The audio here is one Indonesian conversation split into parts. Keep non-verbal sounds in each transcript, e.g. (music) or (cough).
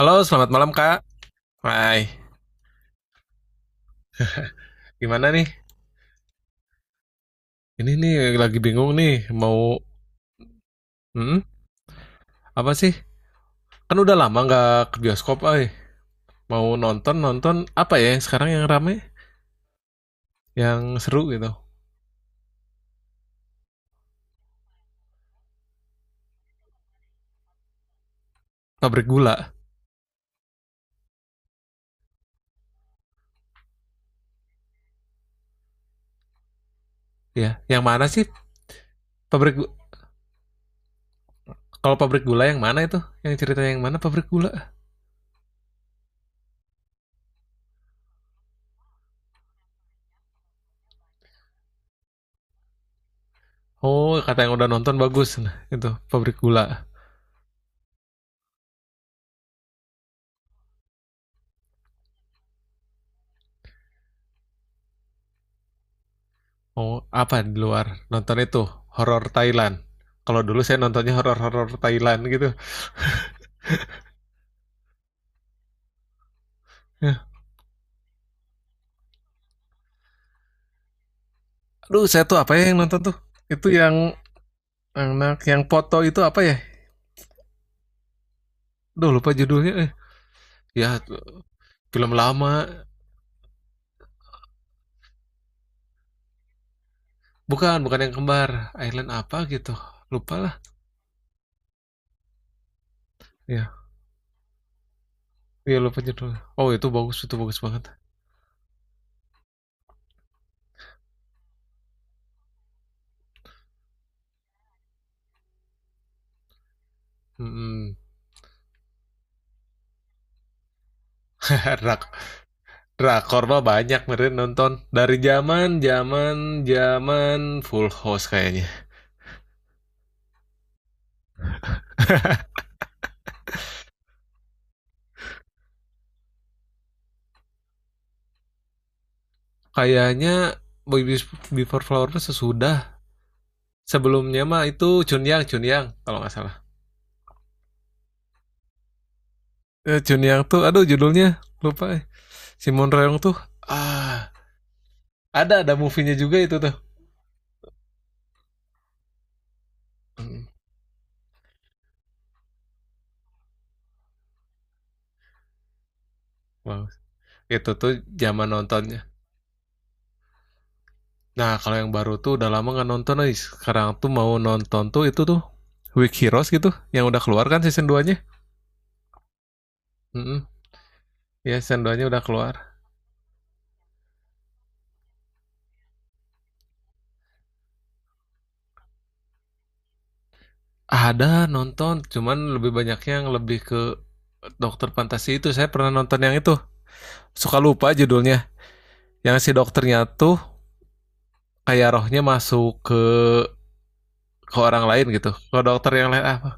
Halo, selamat malam Kak. Hai, gimana nih? Ini nih lagi bingung nih mau hmm, apa sih? Kan udah lama nggak ke bioskop, ay. Mau nonton nonton apa ya yang sekarang yang rame, yang seru gitu? Pabrik gula, ya. Yang mana sih? Pabrik gu- Kalau pabrik gula yang mana itu? Yang cerita yang mana pabrik gula? Oh, kata yang udah nonton bagus. Nah, itu pabrik gula. Oh, apa di luar? Nonton itu horor Thailand. Kalau dulu saya nontonnya horor-horor Thailand gitu. (laughs) Aduh, saya tuh apa ya yang nonton tuh? Itu yang anak yang foto itu apa ya? Duh, lupa judulnya. Eh, ya film lama. Bukan, bukan yang kembar. Island apa gitu. Lupa lah. Ya, ya lupa judulnya. Oh, itu bagus banget. Hmm. (laughs) rak Drakor mah banyak meren nonton dari zaman zaman zaman Full House kayaknya. Kayaknya Before Flowers sesudah. Sebelumnya mah itu Chun Yang, Chun Yang kalau nggak salah. Eh, Chun Yang tuh aduh judulnya lupa eh. Simon Reong tuh ah ada movie-nya juga itu tuh. Mm, itu tuh zaman nontonnya. Nah, kalau yang baru tuh udah lama nggak nonton nih. Sekarang tuh mau nonton tuh itu tuh Week Heroes gitu yang udah keluar kan season 2-nya. Mm-mm. Ya, season 2-nya udah keluar. Ada nonton, cuman lebih banyak yang lebih ke dokter fantasi itu. Saya pernah nonton yang itu. Suka lupa judulnya. Yang si dokternya tuh kayak rohnya masuk ke orang lain gitu. Ke dokter yang lain apa?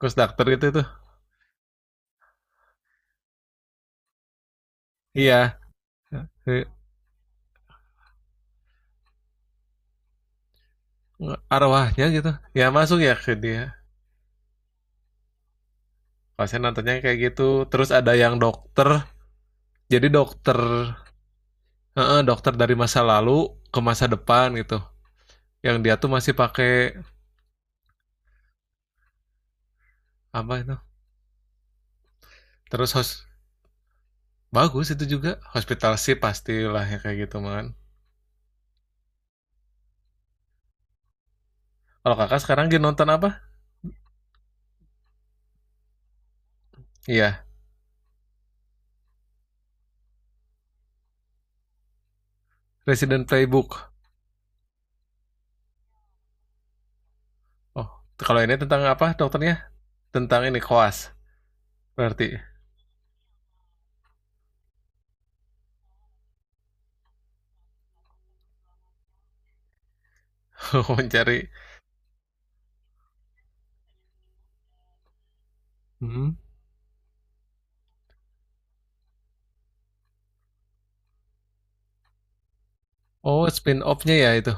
Kus dokter gitu tuh. Iya, kayak arwahnya gitu ya masuk ya ke dia kalau saya nontonnya kayak gitu. Terus ada yang dokter jadi dokter dokter dari masa lalu ke masa depan gitu yang dia tuh masih pakai apa itu. Terus hos bagus itu juga hospital sih pastilah ya kayak gitu man. Kalau kakak sekarang lagi nonton apa? Iya, Resident Playbook. Oh, kalau ini tentang apa dokternya, tentang ini koas berarti. (laughs) Mencari. Mhm. Oh spin off-nya ya itu.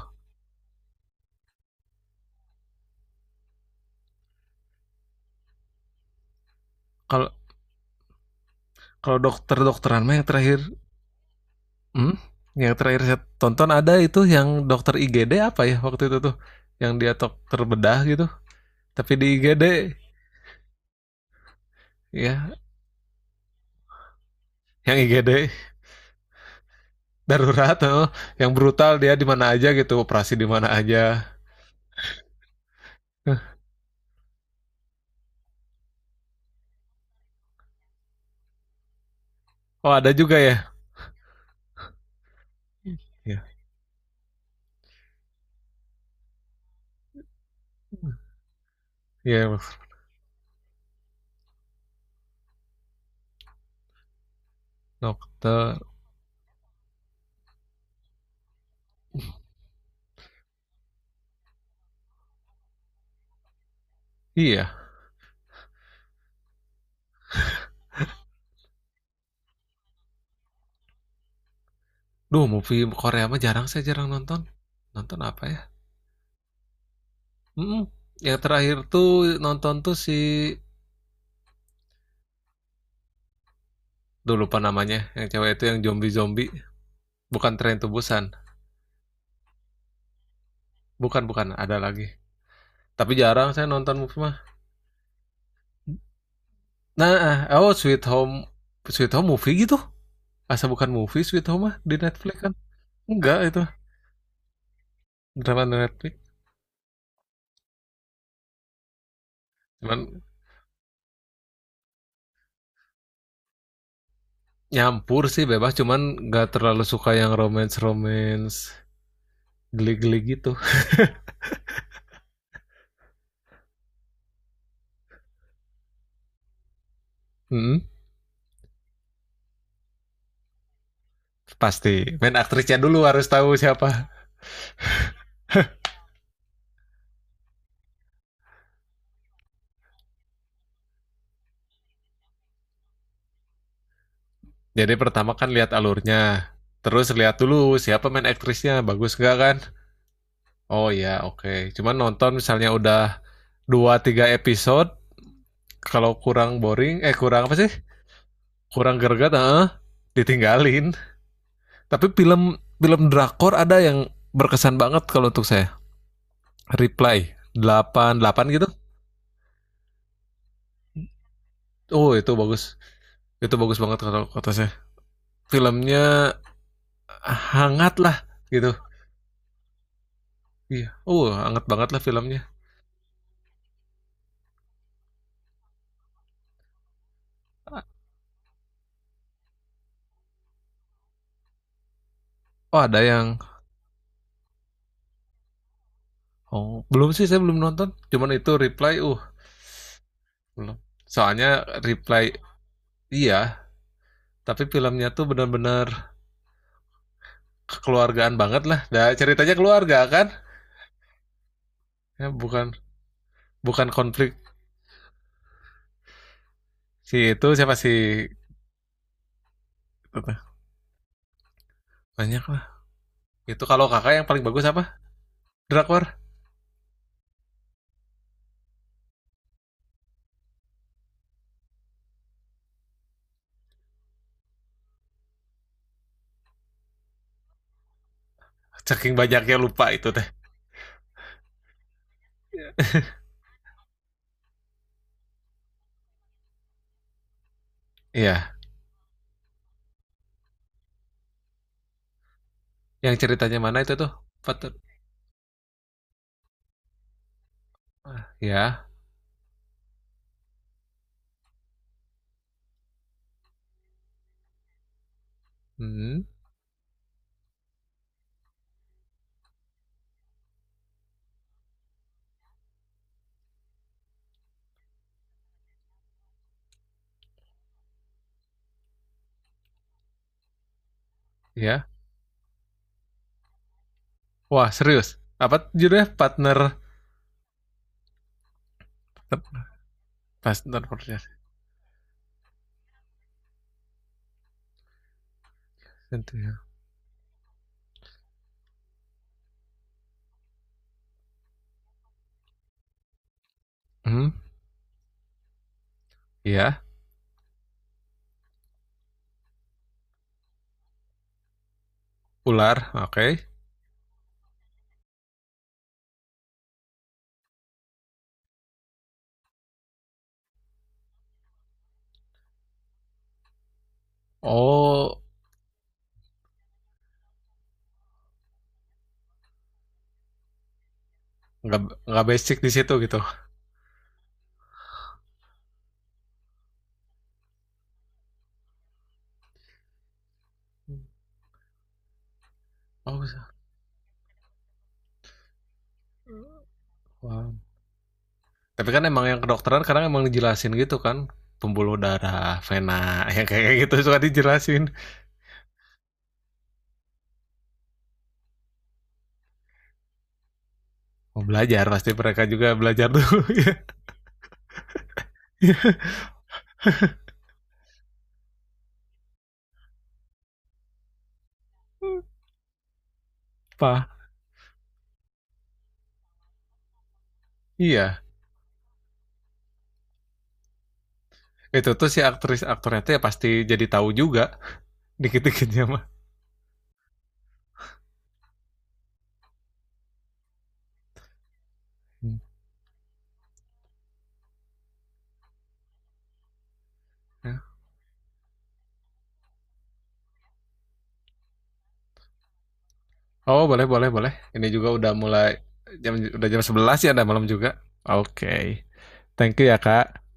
Kalau Kalau dokter-dokteran mah yang terakhir, hmm? Yang terakhir saya tonton ada itu yang dokter IGD apa ya waktu itu tuh, yang dia dokter bedah gitu, tapi di IGD ya, yang IGD darurat, oh. Yang brutal dia di mana aja gitu, operasi di mana aja. Oh ada juga ya, ya, ya dokter, iya. Duh, movie Korea mah jarang saya jarang nonton. Nonton apa ya? Hmm, yang terakhir tuh nonton tuh si, duh lupa namanya, yang cewek itu yang zombie-zombie. Bukan Tren to Busan. Bukan, bukan. Ada lagi. Tapi jarang saya nonton movie mah. Nah, oh Sweet Home, Sweet Home movie gitu. Asa bukan movie Sweet Home mah di Netflix kan? Enggak itu. Drama di Netflix. Cuman nyampur sih bebas, cuman nggak terlalu suka yang romance-romance geli-geli gitu. Hmm, pasti. Main aktrisnya dulu harus tahu siapa. Jadi pertama kan lihat alurnya. Terus lihat dulu siapa main aktrisnya, bagus nggak kan? Oh ya, oke. Cuman nonton misalnya udah dua tiga episode, kalau kurang boring, eh kurang apa sih? Kurang greget, heeh, ditinggalin. Tapi film film drakor ada yang berkesan banget kalau untuk saya. Reply 88 gitu. Oh, itu bagus. Itu bagus banget kalau kata saya. Filmnya hangat lah gitu. Iya. Oh, hangat banget lah filmnya. Oh, ada yang, oh, belum sih saya belum nonton. Cuman itu Reply, belum. Soalnya Reply, iya, tapi filmnya tuh benar-benar kekeluargaan banget lah, nah, ceritanya keluarga kan ya, bukan bukan konflik si itu siapa sih, banyak lah itu. Kalau kakak yang paling bagus apa drakor, saking banyaknya lupa itu teh. Iya, yang ceritanya mana itu tuh, partner ya, hmm, ya, wah serius apa judulnya, partner, partner, partner, ya, hmm, iya, ular oke. Okay. Oh, nggak nggak basic di situ gitu. Oh, wah, tapi kan emang yang kedokteran kadang emang dijelasin gitu kan, pembuluh darah, vena, (laughs) ya kayak gitu suka dijelasin. Mau belajar pasti mereka juga belajar dulu ya. (laughs) Apa? Iya. Itu tuh si aktris aktornya tuh ya pasti jadi tahu juga dikit-dikitnya mah. Oh, boleh boleh boleh. Ini juga udah mulai jam, udah jam 11 ya, ada malam juga. Oke. Okay. Thank you ya, Kak.